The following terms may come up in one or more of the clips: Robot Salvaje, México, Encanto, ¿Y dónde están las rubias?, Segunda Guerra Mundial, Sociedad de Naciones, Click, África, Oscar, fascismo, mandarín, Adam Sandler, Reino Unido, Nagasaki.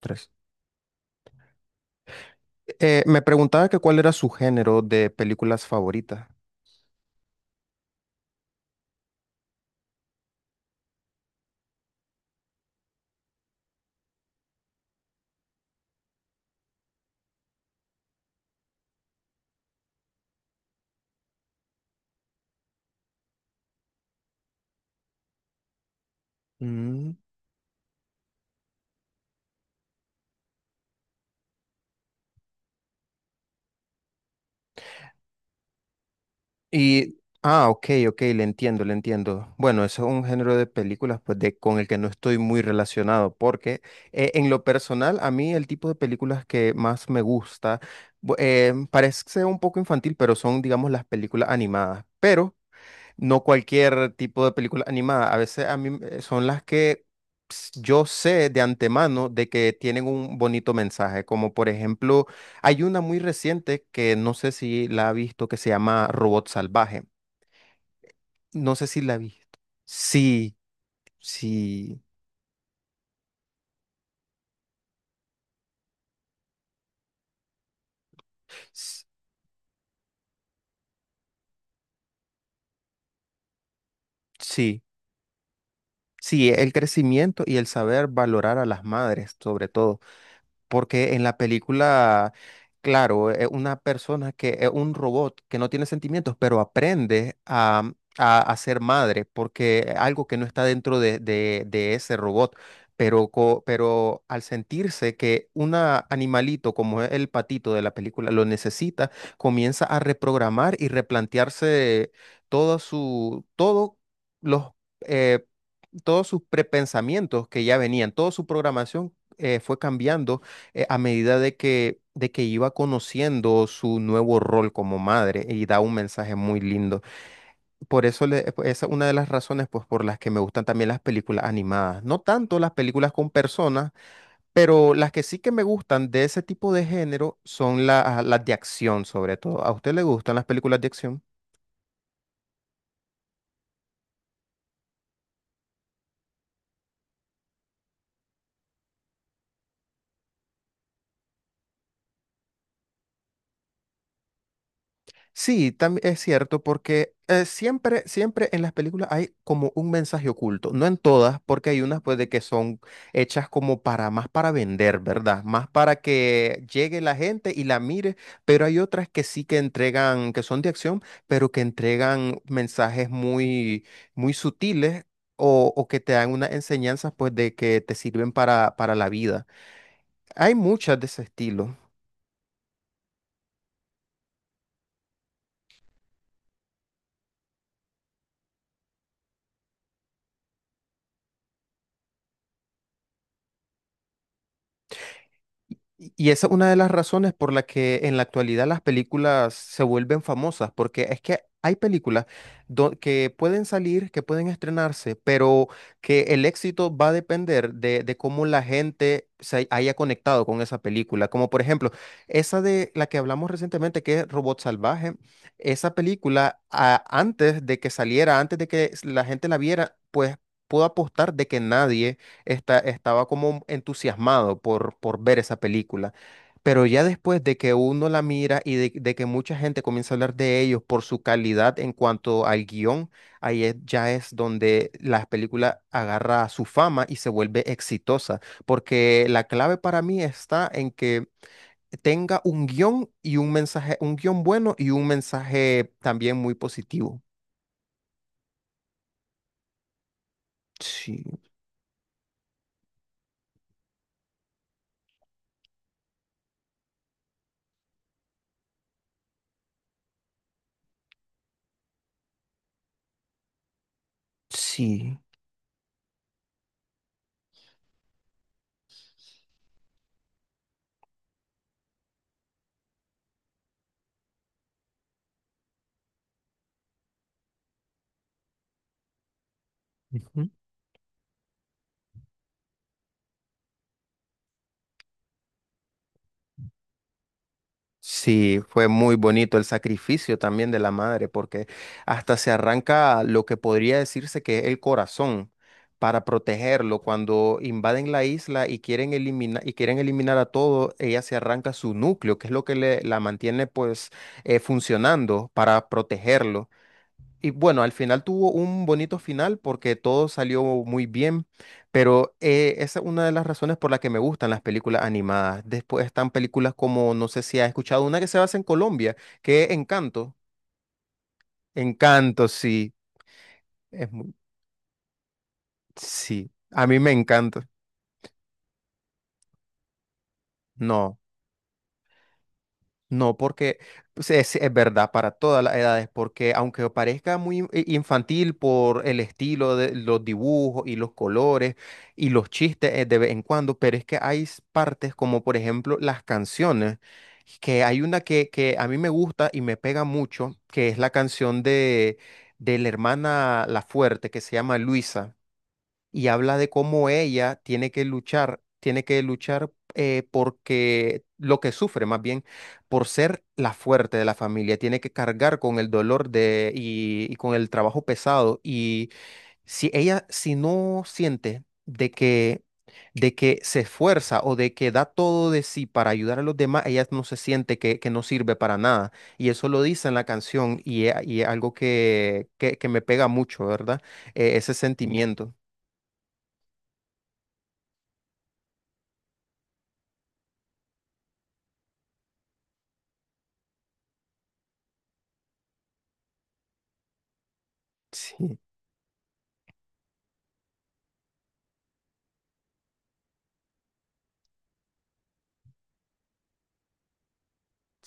Tres. Me preguntaba que cuál era su género de películas favorita. Mm. Ok, ok, le entiendo, le entiendo. Bueno, eso es un género de películas pues, con el que no estoy muy relacionado, porque en lo personal, a mí el tipo de películas que más me gusta, parece un poco infantil, pero son, digamos, las películas animadas. Pero no cualquier tipo de película animada. A veces a mí son las que yo sé de antemano de que tienen un bonito mensaje, como por ejemplo, hay una muy reciente que no sé si la ha visto que se llama Robot Salvaje. No sé si la ha visto. Sí, sí, s- sí. Sí, el crecimiento y el saber valorar a las madres, sobre todo. Porque en la película, claro, es una persona que es un robot que no tiene sentimientos, pero aprende a ser madre, porque es algo que no está dentro de ese robot. Pero, pero al sentirse que un animalito como es el patito de la película lo necesita, comienza a reprogramar y replantearse todo los, eh, todos sus prepensamientos que ya venían, toda su programación fue cambiando a medida de que iba conociendo su nuevo rol como madre y da un mensaje muy lindo. Esa es una de las razones pues, por las que me gustan también las películas animadas. No tanto las películas con personas, pero las que sí que me gustan de ese tipo de género son las de acción sobre todo. ¿A usted le gustan las películas de acción? Sí, también es cierto, porque siempre, siempre en las películas hay como un mensaje oculto. No en todas, porque hay unas pues de que son hechas como para más para vender, ¿verdad? Más para que llegue la gente y la mire, pero hay otras que sí que entregan, que son de acción, pero que entregan mensajes muy, muy sutiles. O que te dan unas enseñanzas pues de que te sirven para la vida. Hay muchas de ese estilo. Y y esa es una de las razones por la que en la actualidad las películas se vuelven famosas, porque es que hay películas que pueden salir, que pueden estrenarse, pero que el éxito va a depender de cómo la gente se haya conectado con esa película. Como por ejemplo, esa de la que hablamos recientemente, que es Robot Salvaje, esa película antes de que saliera, antes de que la gente la viera, pues pudo apostar de que nadie estaba como entusiasmado por ver esa película. Pero ya después de que uno la mira y de que mucha gente comienza a hablar de ellos por su calidad en cuanto al guión, ya es donde la película agarra su fama y se vuelve exitosa. Porque la clave para mí está en que tenga un guión y un mensaje, un guión bueno y un mensaje también muy positivo. Sí, sí. Sí, fue muy bonito el sacrificio también de la madre, porque hasta se arranca lo que podría decirse que es el corazón para protegerlo. Cuando invaden la isla y quieren eliminar a todo, ella se arranca su núcleo, que es lo que le, la mantiene pues funcionando para protegerlo. Y bueno, al final tuvo un bonito final porque todo salió muy bien, pero esa es una de las razones por la que me gustan las películas animadas. Después están películas como, no sé si has escuchado, una que se basa en Colombia, que es Encanto. Encanto, sí. Es muy- Sí, a mí me encanta. No. No, porque pues, es verdad para todas las edades, porque aunque parezca muy infantil por el estilo de los dibujos y los colores y los chistes de vez en cuando, pero es que hay partes como por ejemplo las canciones, que hay una que a mí me gusta y me pega mucho, que es la canción de la hermana La Fuerte, que se llama Luisa y habla de cómo ella tiene que luchar porque lo que sufre más bien por ser la fuerte de la familia, tiene que cargar con el dolor de y con el trabajo pesado y si ella si no siente de que se esfuerza o de que da todo de sí para ayudar a los demás, ella no se siente que no sirve para nada. Y eso lo dice en la canción y, y es algo que me pega mucho, ¿verdad? Ese sentimiento. Sí.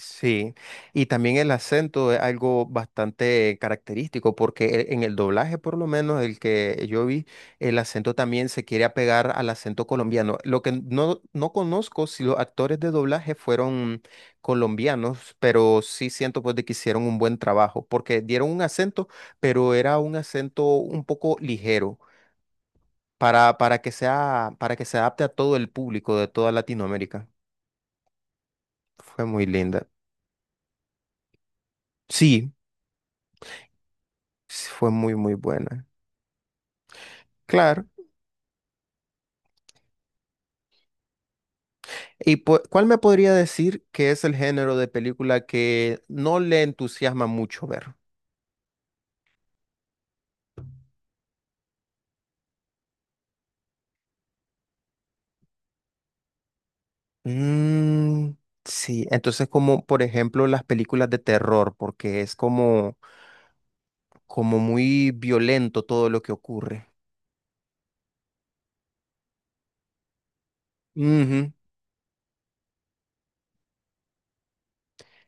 Sí, y también el acento es algo bastante característico porque en el doblaje, por lo menos el que yo vi, el acento también se quiere apegar al acento colombiano. Lo que no, no conozco si los actores de doblaje fueron colombianos, pero sí siento pues de que hicieron un buen trabajo porque dieron un acento, pero era un acento un poco ligero para que sea, para que se adapte a todo el público de toda Latinoamérica. Fue muy linda. Sí, sí, fue muy, muy buena. Claro. Cuál me podría decir que es el género de película que no le entusiasma mucho ver? Mm, sí, entonces como por ejemplo las películas de terror, porque es como, como muy violento todo lo que ocurre. Ujú.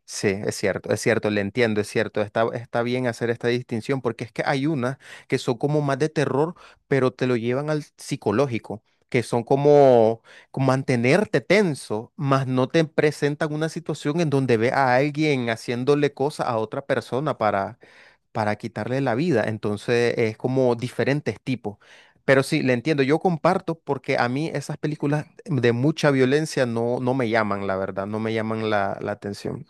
Sí, es cierto, le entiendo, es cierto, está, está bien hacer esta distinción porque es que hay unas que son como más de terror, pero te lo llevan al psicológico, que son como, como mantenerte tenso, más no te presentan una situación en donde ve a alguien haciéndole cosas a otra persona para quitarle la vida, entonces es como diferentes tipos. Pero sí, le entiendo, yo comparto porque a mí esas películas de mucha violencia no, no me llaman, la verdad, no me llaman la atención.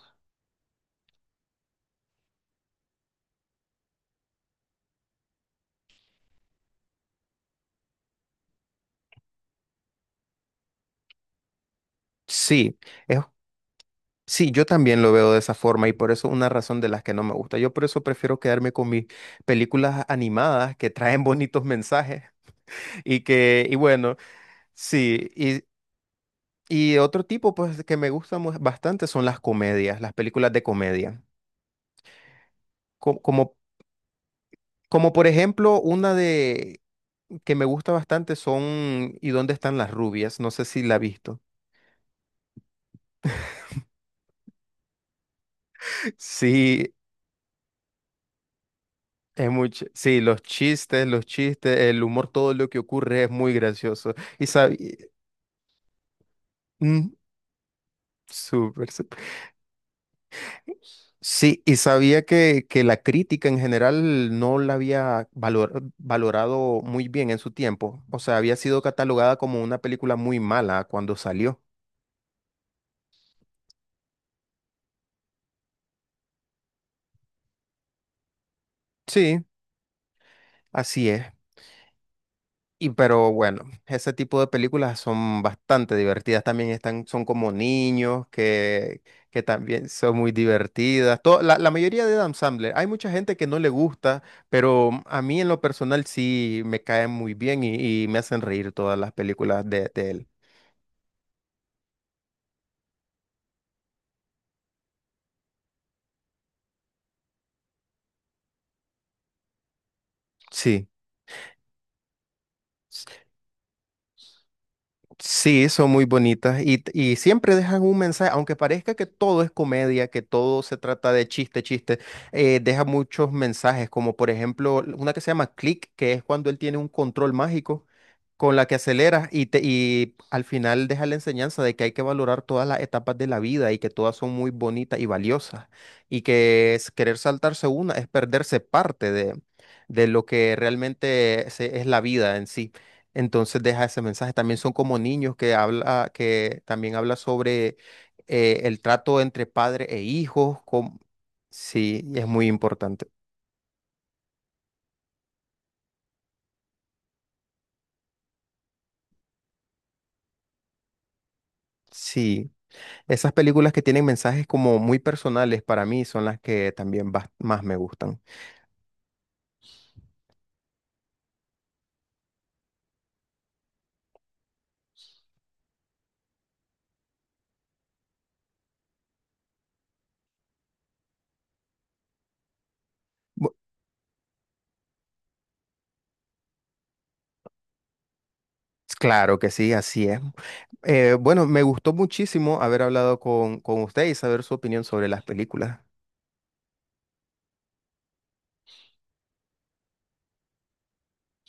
Sí, es, sí, yo también lo veo de esa forma y por eso una razón de las que no me gusta. Yo por eso prefiero quedarme con mis películas animadas que traen bonitos mensajes y que, y bueno, sí, y otro tipo pues que me gusta bastante son las comedias, las películas de comedia. Como, como, por ejemplo una de que me gusta bastante son ¿Y dónde están las rubias? No sé si la has visto. Sí, es mucho, sí, los chistes, el humor, todo lo que ocurre es muy gracioso. Y sabía, súper, súper. Sí, y sabía que la crítica en general no la había valorado muy bien en su tiempo. O sea, había sido catalogada como una película muy mala cuando salió. Sí, así es. Pero bueno, ese tipo de películas son bastante divertidas también, están, son como niños que también son muy divertidas. La, la mayoría de Adam Sandler, hay mucha gente que no le gusta, pero a mí en lo personal sí me caen muy bien y me hacen reír todas las películas de él. Sí. Sí, son muy bonitas y siempre dejan un mensaje, aunque parezca que todo es comedia, que todo se trata de chiste, chiste, deja muchos mensajes, como por ejemplo una que se llama Click, que es cuando él tiene un control mágico con la que aceleras y, te, y al final deja la enseñanza de que hay que valorar todas las etapas de la vida y que todas son muy bonitas y valiosas y que es querer saltarse una es perderse parte de lo que realmente es la vida en sí. Entonces deja ese mensaje. También son como niños que habla, que también habla sobre el trato entre padre e hijos. Sí, es muy importante. Sí, esas películas que tienen mensajes como muy personales para mí son las que también más me gustan. Bu- Claro que sí, así es. Bueno, me gustó muchísimo haber hablado con usted y saber su opinión sobre las películas.